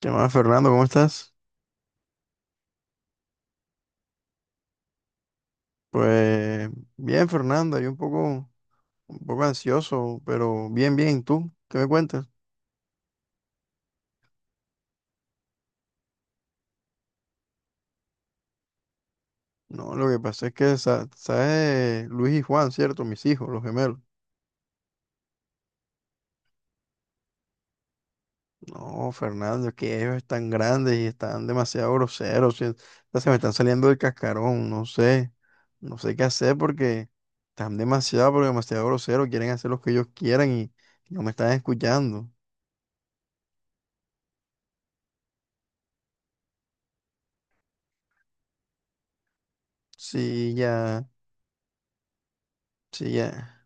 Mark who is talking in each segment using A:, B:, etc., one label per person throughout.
A: ¿Qué más, Fernando? ¿Cómo estás? Pues bien, Fernando, yo un poco ansioso, pero bien, bien. ¿Tú qué me cuentas? No, lo que pasa es que, ¿sabes? Luis y Juan, ¿cierto? Mis hijos, los gemelos. No, Fernando, es que ellos están grandes y están demasiado groseros, ¿sí? Ya se me están saliendo del cascarón, no sé. No sé qué hacer porque están demasiado, pero demasiado groseros. Quieren hacer lo que ellos quieran y no me están escuchando. Sí, ya, sí, ya.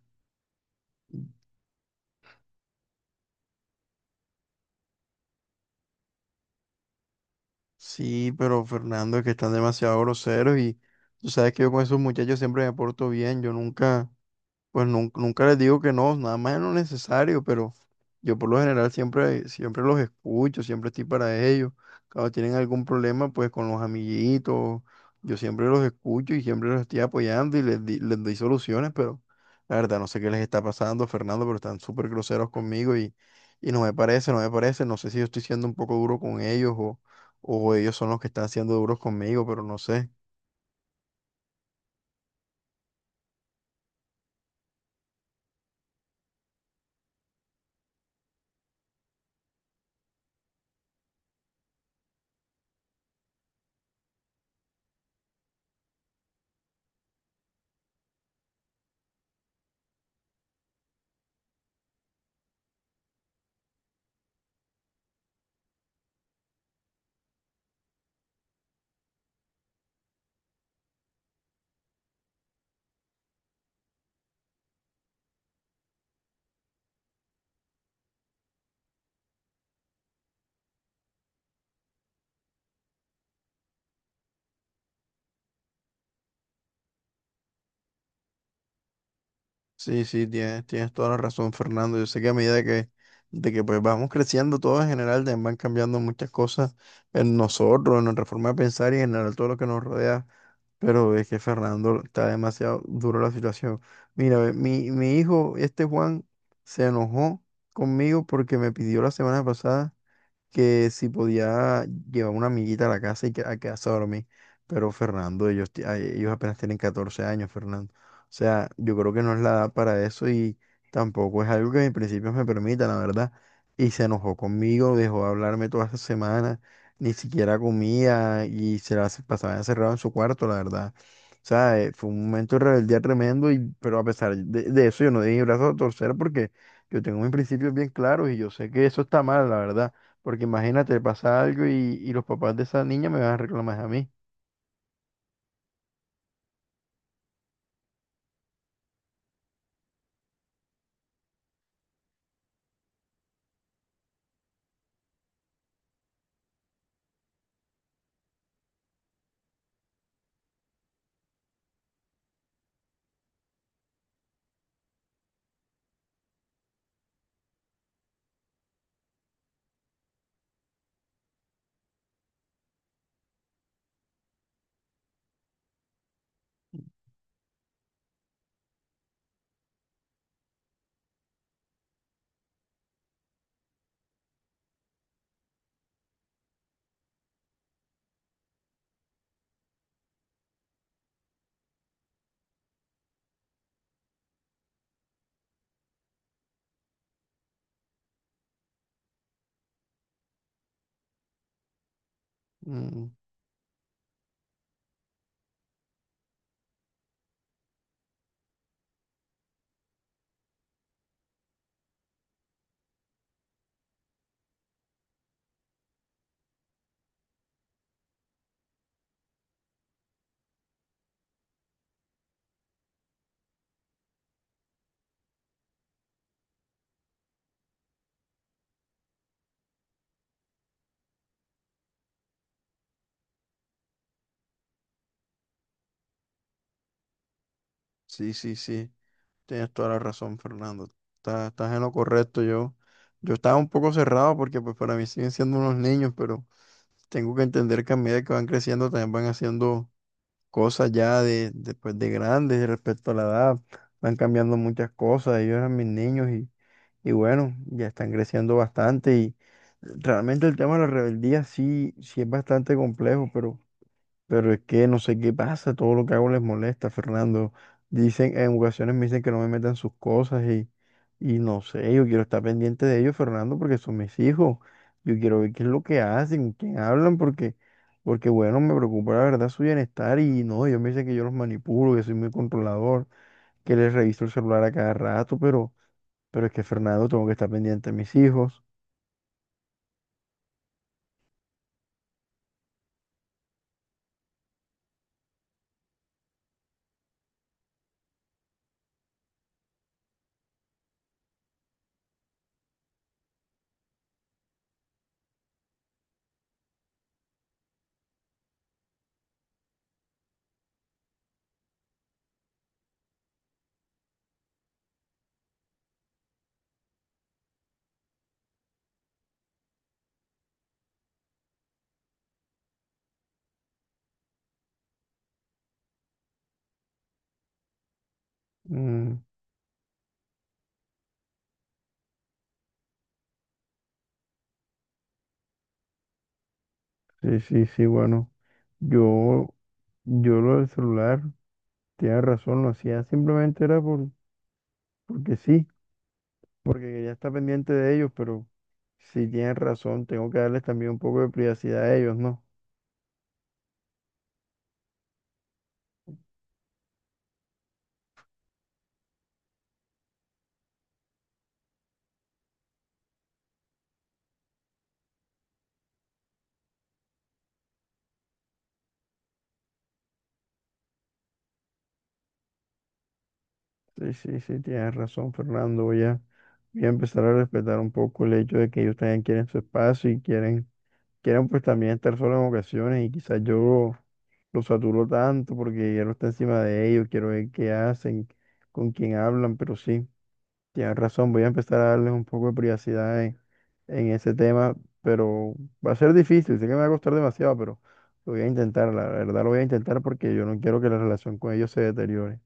A: Sí, pero Fernando, es que están demasiado groseros y tú sabes que yo con esos muchachos siempre me porto bien, yo nunca, pues nunca les digo que no, nada más es lo necesario, pero yo por lo general siempre, siempre los escucho, siempre estoy para ellos. Cuando tienen algún problema, pues con los amiguitos, yo siempre los escucho y siempre los estoy apoyando y les doy soluciones, pero la verdad no sé qué les está pasando, Fernando, pero están súper groseros conmigo y no me parece, no me parece, no sé si yo estoy siendo un poco duro con ellos o ellos son los que están siendo duros conmigo, pero no sé. Sí, sí, tienes, tienes toda la razón, Fernando. Yo sé que a medida que, de que pues vamos creciendo todos en general, también van cambiando muchas cosas en nosotros, en nuestra forma de pensar y en general todo lo que nos rodea. Pero es que Fernando está demasiado duro la situación. Mira, ve, mi hijo, este Juan, se enojó conmigo porque me pidió la semana pasada que si podía llevar una amiguita a la casa y que, a quedarse a dormir. Pero Fernando, ellos, ay, ellos apenas tienen 14 años, Fernando. O sea, yo creo que no es la edad para eso y tampoco es algo que en principios me permita, la verdad. Y se enojó conmigo, dejó de hablarme toda esa semana, ni siquiera comía y pasaba encerrado en su cuarto, la verdad. O sea, fue un momento de rebeldía tremendo, y, pero a pesar de eso yo no di mi brazo a torcer porque yo tengo mis principios bien claros y yo sé que eso está mal, la verdad, porque imagínate, pasa algo y los papás de esa niña me van a reclamar a mí. Mm, sí, sí, sí. Tienes toda la razón, Fernando. Estás, estás en lo correcto. Yo estaba un poco cerrado porque pues para mí siguen siendo unos niños, pero tengo que entender que a medida que van creciendo también van haciendo cosas ya de, pues, de grandes respecto a la edad. Van cambiando muchas cosas. Ellos eran mis niños y bueno, ya están creciendo bastante y realmente el tema de la rebeldía sí, sí es bastante complejo, pero... Pero es que no sé qué pasa, todo lo que hago les molesta, Fernando. Dicen, en ocasiones me dicen que no me metan sus cosas y no sé, yo quiero estar pendiente de ellos, Fernando, porque son mis hijos. Yo quiero ver qué es lo que hacen, con quién hablan, porque, porque bueno, me preocupa la verdad su bienestar y no, ellos me dicen que yo los manipulo, que soy muy controlador, que les reviso el celular a cada rato, pero es que, Fernando, tengo que estar pendiente de mis hijos. Mm, sí, sí, sí, bueno, yo, yo lo del celular. Tienes razón, lo hacía simplemente era por, porque sí, porque quería estar pendiente de ellos, pero sí tienes razón, tengo que darles también un poco de privacidad a ellos, ¿no? Sí, sí, sí, tienes razón, Fernando, voy a, voy a empezar a respetar un poco el hecho de que ellos también quieren su espacio y quieren, quieren pues también estar solos en ocasiones y quizás yo los saturo tanto porque ya no está encima de ellos, quiero ver qué hacen, con quién hablan, pero sí. Tienes razón, voy a empezar a darles un poco de privacidad en ese tema, pero va a ser difícil, sé que me va a costar demasiado, pero lo voy a intentar, la verdad lo voy a intentar porque yo no quiero que la relación con ellos se deteriore.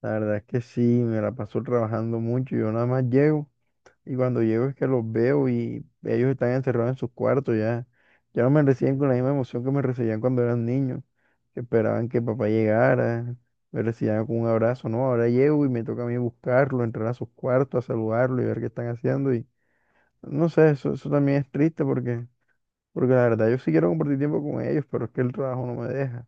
A: La verdad es que sí, me la paso trabajando mucho, yo nada más llego. Y cuando llego es que los veo y ellos están encerrados en sus cuartos ya. Ya no me reciben con la misma emoción que me recibían cuando eran niños, que esperaban que papá llegara, me recibían con un abrazo, ¿no? Ahora llego y me toca a mí buscarlo, entrar a sus cuartos, a saludarlo y ver qué están haciendo. Y no sé, eso también es triste porque, porque la verdad yo sí quiero compartir tiempo con ellos, pero es que el trabajo no me deja.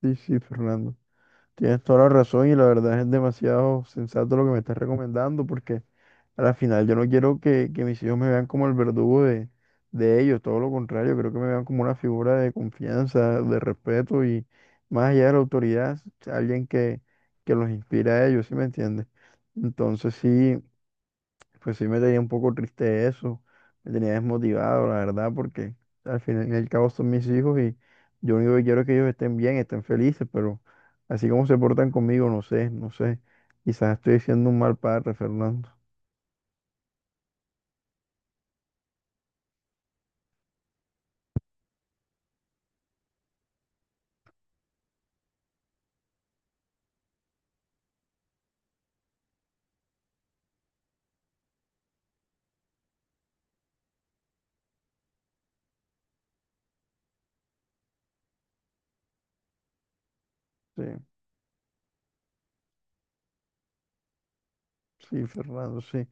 A: Sí, sí, Fernando. Tienes toda la razón y la verdad es demasiado sensato lo que me estás recomendando porque... A la final, yo no quiero que mis hijos me vean como el verdugo de ellos, todo lo contrario, creo que me vean como una figura de confianza, de respeto y más allá de la autoridad, alguien que los inspira a ellos, ¿sí me entiendes? Entonces sí, pues sí me tenía un poco triste eso, me tenía desmotivado, la verdad, porque al final y al cabo son mis hijos y yo lo único que quiero es que ellos estén bien, estén felices, pero así como se portan conmigo, no sé, no sé, quizás estoy siendo un mal padre, Fernando. Sí. Sí, Fernando, sí.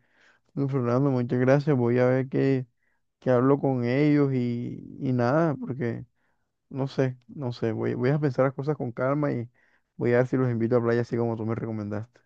A: No, Fernando, muchas gracias. Voy a ver qué, qué hablo con ellos y nada, porque no sé, no sé. Voy, voy a pensar las cosas con calma y voy a ver si los invito a playa así como tú me recomendaste.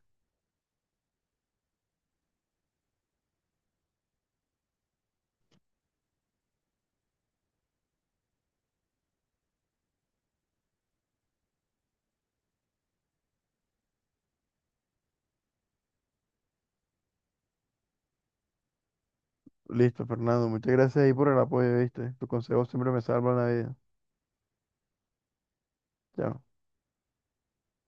A: Listo, Fernando, muchas gracias ahí por el apoyo, ¿viste? Tus consejos siempre me salvan la vida. Chao.